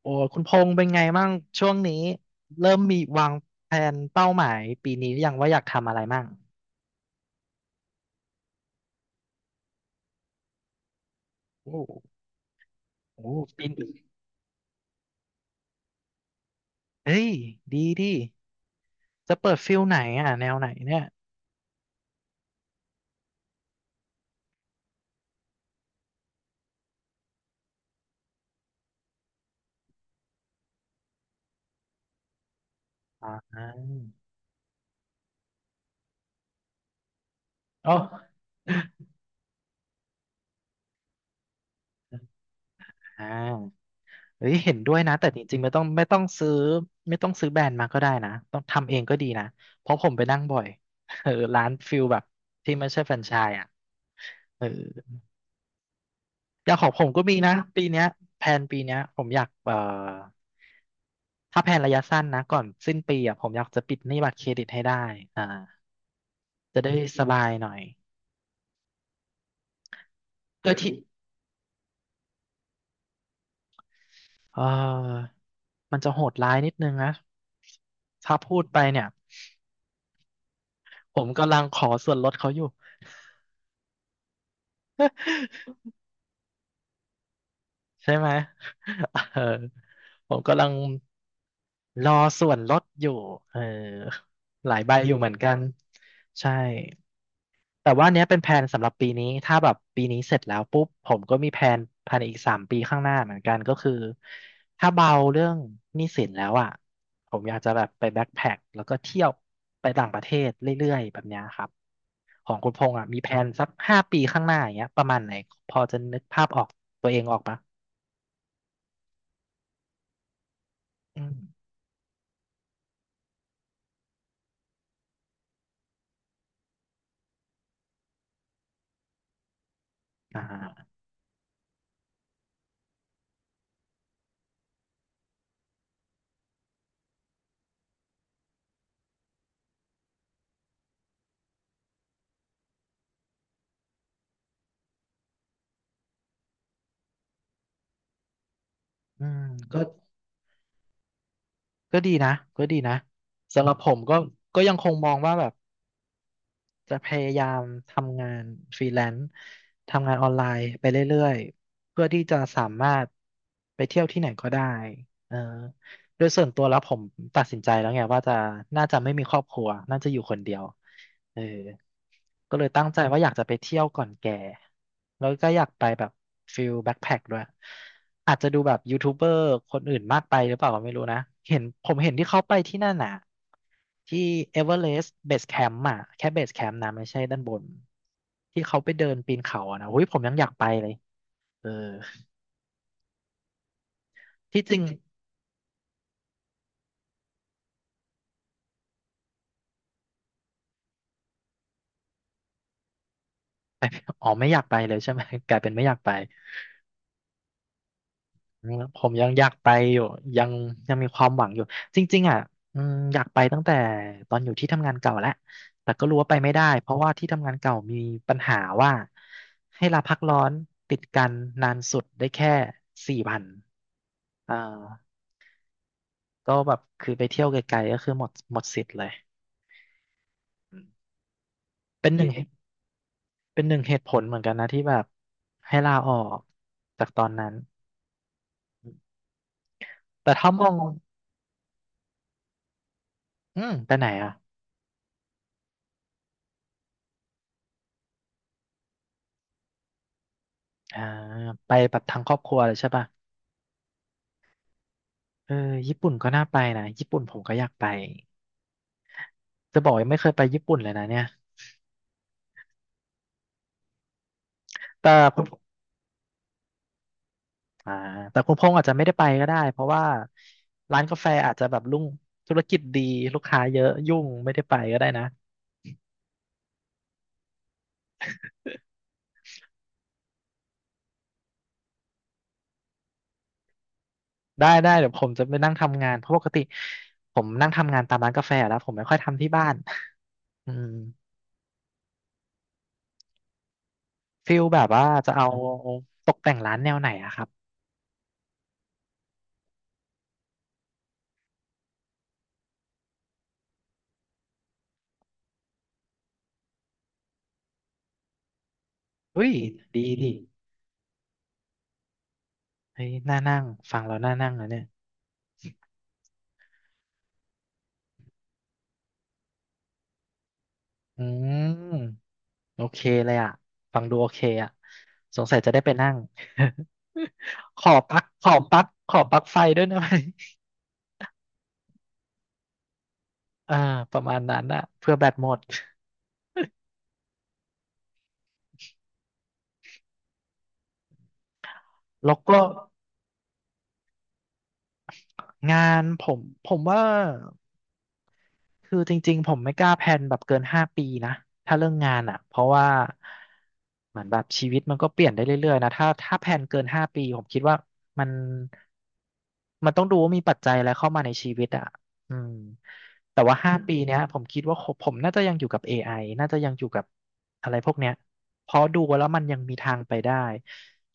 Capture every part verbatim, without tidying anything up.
โอ้คุณพงษ์เป็นไงมั่งช่วงนี้เริ่มมีวางแผนเป้าหมายปีนี้หรือยังว่าอยากทำอะไรมั่งโอ้โอ้ปีนี้เฮ้ยดีดีจะเปิดฟิลไหนอ่ะแนวไหนเนี่ยอ่าอ๋อ อ่าเฮ้ยเห็นด้วยนะแต่จริงๆไม่ต้องไม่ต้องซื้อไม่ต้องซื้อแบรนด์มาก็ได้นะต้องทำเองก็ดีนะเพราะผมไปนั่งบ่อย เออร้านฟิลแบบที่ไม่ใช่แฟรนไชส์อ่ะเออ อย่างของผมก็มีนะปีเนี้ยแผนปีเนี้ยผมอยากเอ่อถ้าแผนระยะสั้นนะก่อนสิ้นปีอ่ะผมอยากจะปิดหนี้บัตรเครดิตให้ได้อ่าจะได้สบายหน่อยโดยที่เออมันจะโหดร้ายนิดนึงนะถ้าพูดไปเนี่ยผมกำลังขอส่วนลดเขาอยู่ ใช่ไหมเออผมกำลังรอส่วนลดอยู่เออหลายใบอยู่เหมือนกันใช่ แต่ว่าเนี้ยเป็นแผนสำหรับปีนี้ถ้าแบบปีนี้เสร็จแล้วปุ๊บผมก็มีแผนภายในอีกสามปีข้างหน้าเหมือนกันก็คือถ้าเบาเรื่องหนี้สินแล้วอ่ะผมอยากจะแบบไปแบ็คแพ็คแล้วก็เที่ยวไปต่างประเทศเรื่อยๆแบบเนี้ยครับของคุณพงษ์อ่ะมีแผนสักห้าปีข้างหน้าอย่างเงี้ยประมาณไหนพอจะนึกภาพออกตัวเองออกปะอืมอ่าอืมก็ก็ดีนะก็ดีนะสำหรับผมก็ก็ยังคงมองว่าแบบ จะพยายามทำงานฟรีแลนซ์ทำงานออนไลน์ไปเรื่อยๆเพื่อที่จะสามารถไปเที่ยวที่ไหนก็ได้เออ โดยส่วนตัวแล้วผมตัดสินใจแล้วไงว่าจะน่าจะไม่มีครอบครัวน่าจะอยู่คนเดียวเออก็เลยตั้งใจว่าอยากจะไปเที่ยวก่อนแก่แล้วก็อยากไปแบบฟิลแบ็คแพ็คด้วยอาจจะดูแบบยูทูบเบอร์คนอื่นมากไปหรือเปล่าก็ไม่รู้นะเห็นผมเห็นที่เขาไปที่นั่นน่ะที่เอเวอเรสต์เบสแคมป์อ่ะแค่เบสแคมป์นะไม่ใช่ด้านบนที่เขาไปเดินปีนเขาอ่ะนะอุ้ยผมยังอยากไปเลยเออที่จริงอ๋อไม่อยากไปเลยใช่ไหม กลายเป็นไม่อยากไป อืมผมยังอยากไปอยู่ยังยังมีความหวังอยู่จริงๆอ่ะอืมอยากไปตั้งแต่ตอนอยู่ที่ทำงานเก่าแล้วแต่ก็รู้ว่าไปไม่ได้เพราะว่าที่ทำงานเก่ามีปัญหาว่าให้ลาพักร้อนติดกันนานสุดได้แค่สี่วันอ่าก็แบบคือไปเที่ยวไกลๆก็คือหมดหมดสิทธิ์เลยเป็นหนึ่งเหตุเป็นหนึ่งเหตุผลเหมือนกันนะที่แบบให้ลาออกจากตอนนั้นแต่ถ้ามองอืมไปไหนอ่ะอ่าไปแบบทั้งครอบครัวเลยใช่ป่ะ เออญี่ปุ่นก็น่าไปนะญี่ปุ่นผมก็อยากไปจะบอกยังไม่เคยไปญี่ปุ่นเลยนะเนี่ยแต่คุณอ่าแต่คุณพงษ์อาจจะไม่ได้ไปก็ได้เพราะว่าร้านกาแฟอาจจะแบบรุ่งธุรกิจดีลูกค้าเยอะยุ่งไม่ได้ไปก็ได้นะได้ได้เดี๋ยวผมจะไปนั่งทำงานเพราะปกติผมนั่งทำงานตามร้านกาแฟแล้วผมไม่ค่อยทำที่บ้านอืมฟิลแบบว่าจะเอาตกแต่งร้านแนวไหนอะครับอุ้ยดีดีเฮ้ยน่านั่งฟังแล้วน่านั่งนะเนี่ยอืม โอเคเลยอ่ะฟังดูโอเคอ่ะสงสัยจะได้ไปนั่ง ขอปลั๊กขอปลั๊กขอปลั๊กไฟด้วยนะไหมอ่าประมาณนั้นอ่ะเพื่อแบตหมดแล้วก็งานผมผมว่า คือจริงๆผมไม่กล้าแพลนแบบเกินห้าปีนะถ้าเรื่องงานอ่ะเพราะว่าเหมือนแบบชีวิตมันก็เปลี่ยนได้เรื่อยๆนะถ้าถ้าแพลนเกินห้าปีผมคิดว่ามันมันต้องดูว่ามีปัจจัยอะไรเข้ามาในชีวิตอ่ะอืมแต่ว่าห้าปีเนี้ยผมคิดว่าผมผมน่าจะยังอยู่กับ เอ ไอ น่าจะยังอยู่กับอะไรพวกเนี้ยเพราะดูแล้วมันยังมีทางไปได้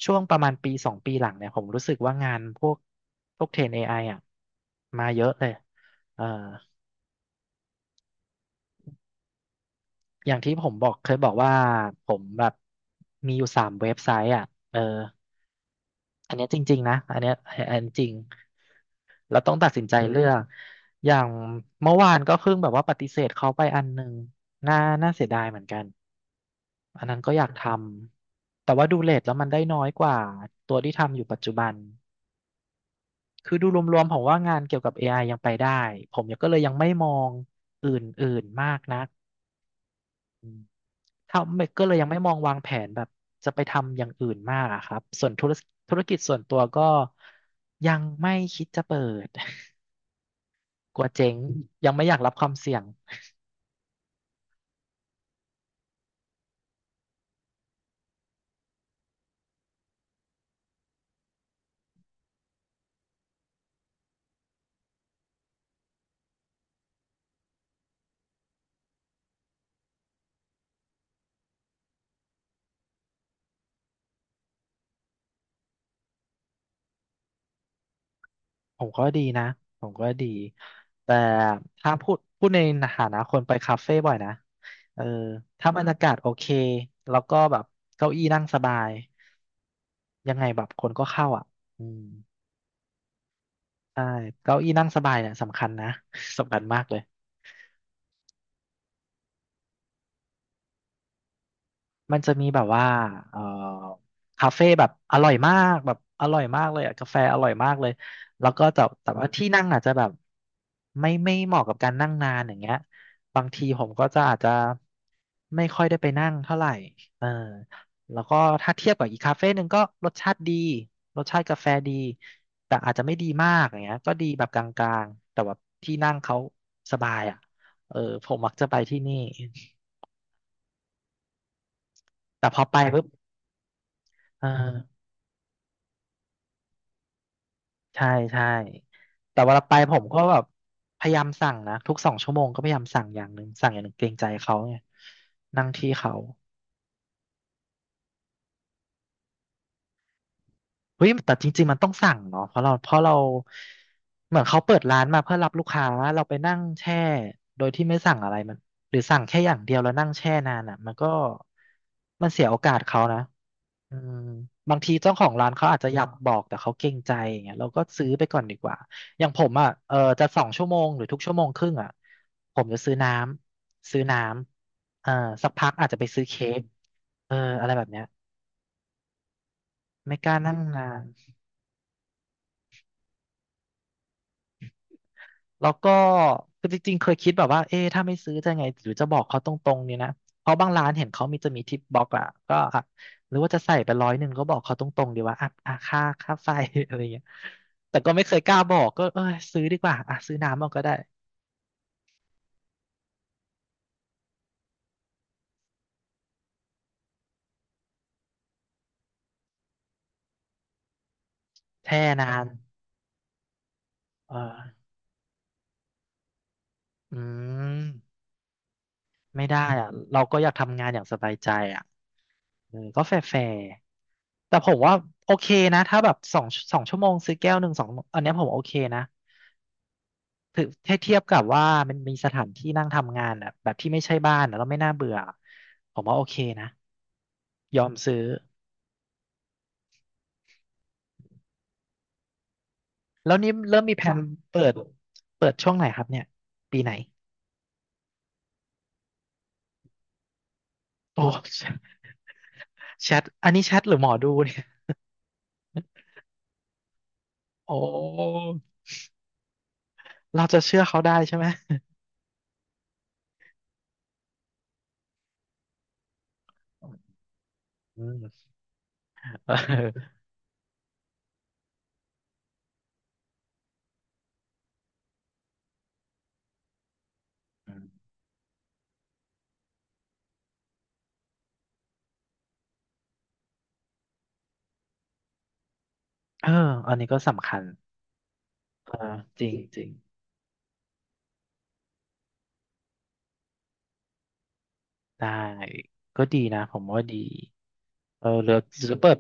ช่วงประมาณปีสองปีหลังเนี่ยผมรู้สึกว่างานพวกพวกเทรน เอ ไอ อไออ่ะมาเยอะเลยเออ อย่างที่ผมบอกเคยบอกว่าผมแบบมีอยู่สามเว็บไซต์อ่ะเอออันเนี้ยจริงๆนะอันเนี้ยอันจริงเราต้องตัดสินใจอืเลืมอกอย่างเมื่อวานก็เพิ่งแบบว่าปฏิเสธเขาไปอันหนึ่งน่าน่าเสียดายเหมือนกันอันนั้นก็อยากทำแต่ว่าดูเรทแล้วมันได้น้อยกว่าตัวที่ทำอยู่ปัจจุบันคือดูรวมๆผมว่างานเกี่ยวกับ เอ ไอ ยังไปได้ผมก็เลยยังไม่มองอื่นๆมากนัก ทำก็เลยยังไม่มองวางแผนแบบจะไปทำอย่างอื่นมากอะครับส่วนธุรธุรกิจส่วนตัวก็ยังไม่คิดจะเปิด กลัวเจ๊งยังไม่อยากรับความเสี่ยงผมก็ดีนะผมก็ดีแต่ถ้าพูดพูดในฐานะคนไปคาเฟ่บ่อยนะเออถ้าบรรยากาศโอเคแล้วก็แบบเก้าอี้นั่งสบายยังไงแบบคนก็เข้าอ่ะอืมใช่เก้าอี้นั่งสบายเนี่ยสำคัญนะ สำคัญมากเลย มันจะมีแบบว่าเอ่อคาเฟ่แบบอร่อยมากแบบอร่อยมากเลยอะกาแฟอร่อยมากเลยแล้วก็จะแต่ว่าที่นั่งอาจจะแบบไม่ไม่เหมาะกับการนั่งนานอย่างเงี้ยบางทีผมก็จะอาจจะไม่ค่อยได้ไปนั่งเท่าไหร่เออแล้วก็ถ้าเทียบกับอีกคาเฟ่หนึ่งก็รสชาติดีรสชาติกาแฟดีแต่อาจจะไม่ดีมากอย่างเงี้ยก็ดีแบบกลางๆแต่ว่าที่นั่งเขาสบายอ่ะเออผมมักจะไปที่นี่แต่พอไปปุ๊บเออ ใช่ใช่แต่เวลาไปผมก็แบบพยายามสั่งนะทุกสองชั่วโมงก็พยายามสั่งอย่างหนึ่งสั่งอย่างหนึ่งเกรงใจเขาไงนั่งที่เขาเฮ้ยแต่จริงๆมันต้องสั่งเนาะเพราะเราเพราะเราเหมือนเขาเปิดร้านมาเพื่อรับลูกค้าเราไปนั่งแช่โดยที่ไม่สั่งอะไรมันหรือสั่งแค่อย่างเดียวแล้วนั่งแช่นานอ่ะมันก็มันเสียโอกาสเขานะ อืมบางทีเจ้าของร้านเขาอาจจะอยากบอกแต่เขาเกรงใจอย่างเงี้ยเราก็ซื้อไปก่อนดีกว่าอย่างผมอ่ะเออจะสองชั่วโมงหรือทุกชั่วโมงครึ่งอ่ะผมจะซื้อน้ำซื้อน้ำเอ่าสักพักอาจจะไปซื้อเค้กเอออะไรแบบเนี้ยไม่กล้านั่งนาน แล้วก็คือจริงๆเคยคิดแบบว่าเอ๊ะถ้าไม่ซื้อจะไงหรือจะบอกเขาตรงๆเนี่ยนะเพราะบางร้านเห็นเขามีจะมีทิปบ็อกอะก็อ่ะหรือว่าจะใส่ไปร้อยหนึ่งก็บอกเขาตรงๆดีว่าอ่ะอ่ะค่าค่าไฟ อะไรเงี้ยแต่ก็ไม่เคยกล้าบอกก็เออซื้อดีกว่าอ่ะซื้อน้ำมันก็ได้แช่นานเอออืมไม่ได้อ่ะเราก็อยากทำงานอย่างสบายใจอ่ะเออก็แฟร์ๆแต่ผมว่าโอเคนะถ้าแบบสองสองชั่วโมงซื้อแก้วหนึ่งสองอันเนี้ยผมโอเคนะ ถือถ้าเทียบกับว่ามันมีสถานที่นั่งทำงานอ่ะแบบที่ไม่ใช่บ้านอ่ะแล้วไม่น่าเบื่อผมว่าโอเคนะยอมซื้อแล้วนี่เริ่มมีแผนเปิดเปิดช่วงไหนครับเนี่ยปีไหนโอ้แชทอันนี้แชทหรือหมอดูเนี่ยโอ้เราจะเชื่อเขาได้ใช่ไหมอืมเออเอออันนี้ก็สำคัญเออจริงจริงได้ก็ดีนะผมว่าดีเออหรือจะเปิด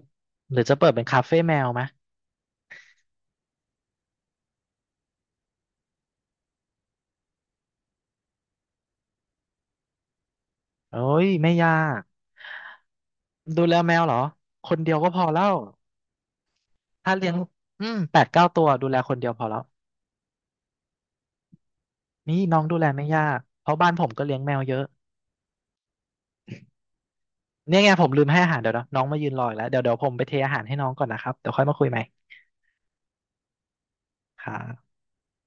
หรือจะเปิดเป็นคาเฟ่แมวไหม เอ้ยไม่ยากดูแลแมวเหรอคนเดียวก็พอแล้วถ้าเลี้ยงอืมแปดเก้าตัวดูแลคนเดียวพอแล้วนี่น้องดูแลไม่ยากเพราะบ้านผมก็เลี้ยงแมวเยอะเนี่ยไงผมลืมให้อาหารเดี๋ยวนะน้องมายืนรออีกแล้วเดี๋ยวเดี๋ยวผมไปเทอาหารให้น้องก่อนนะครับเดี๋ยวค่อยมาคุยใหม่ครับ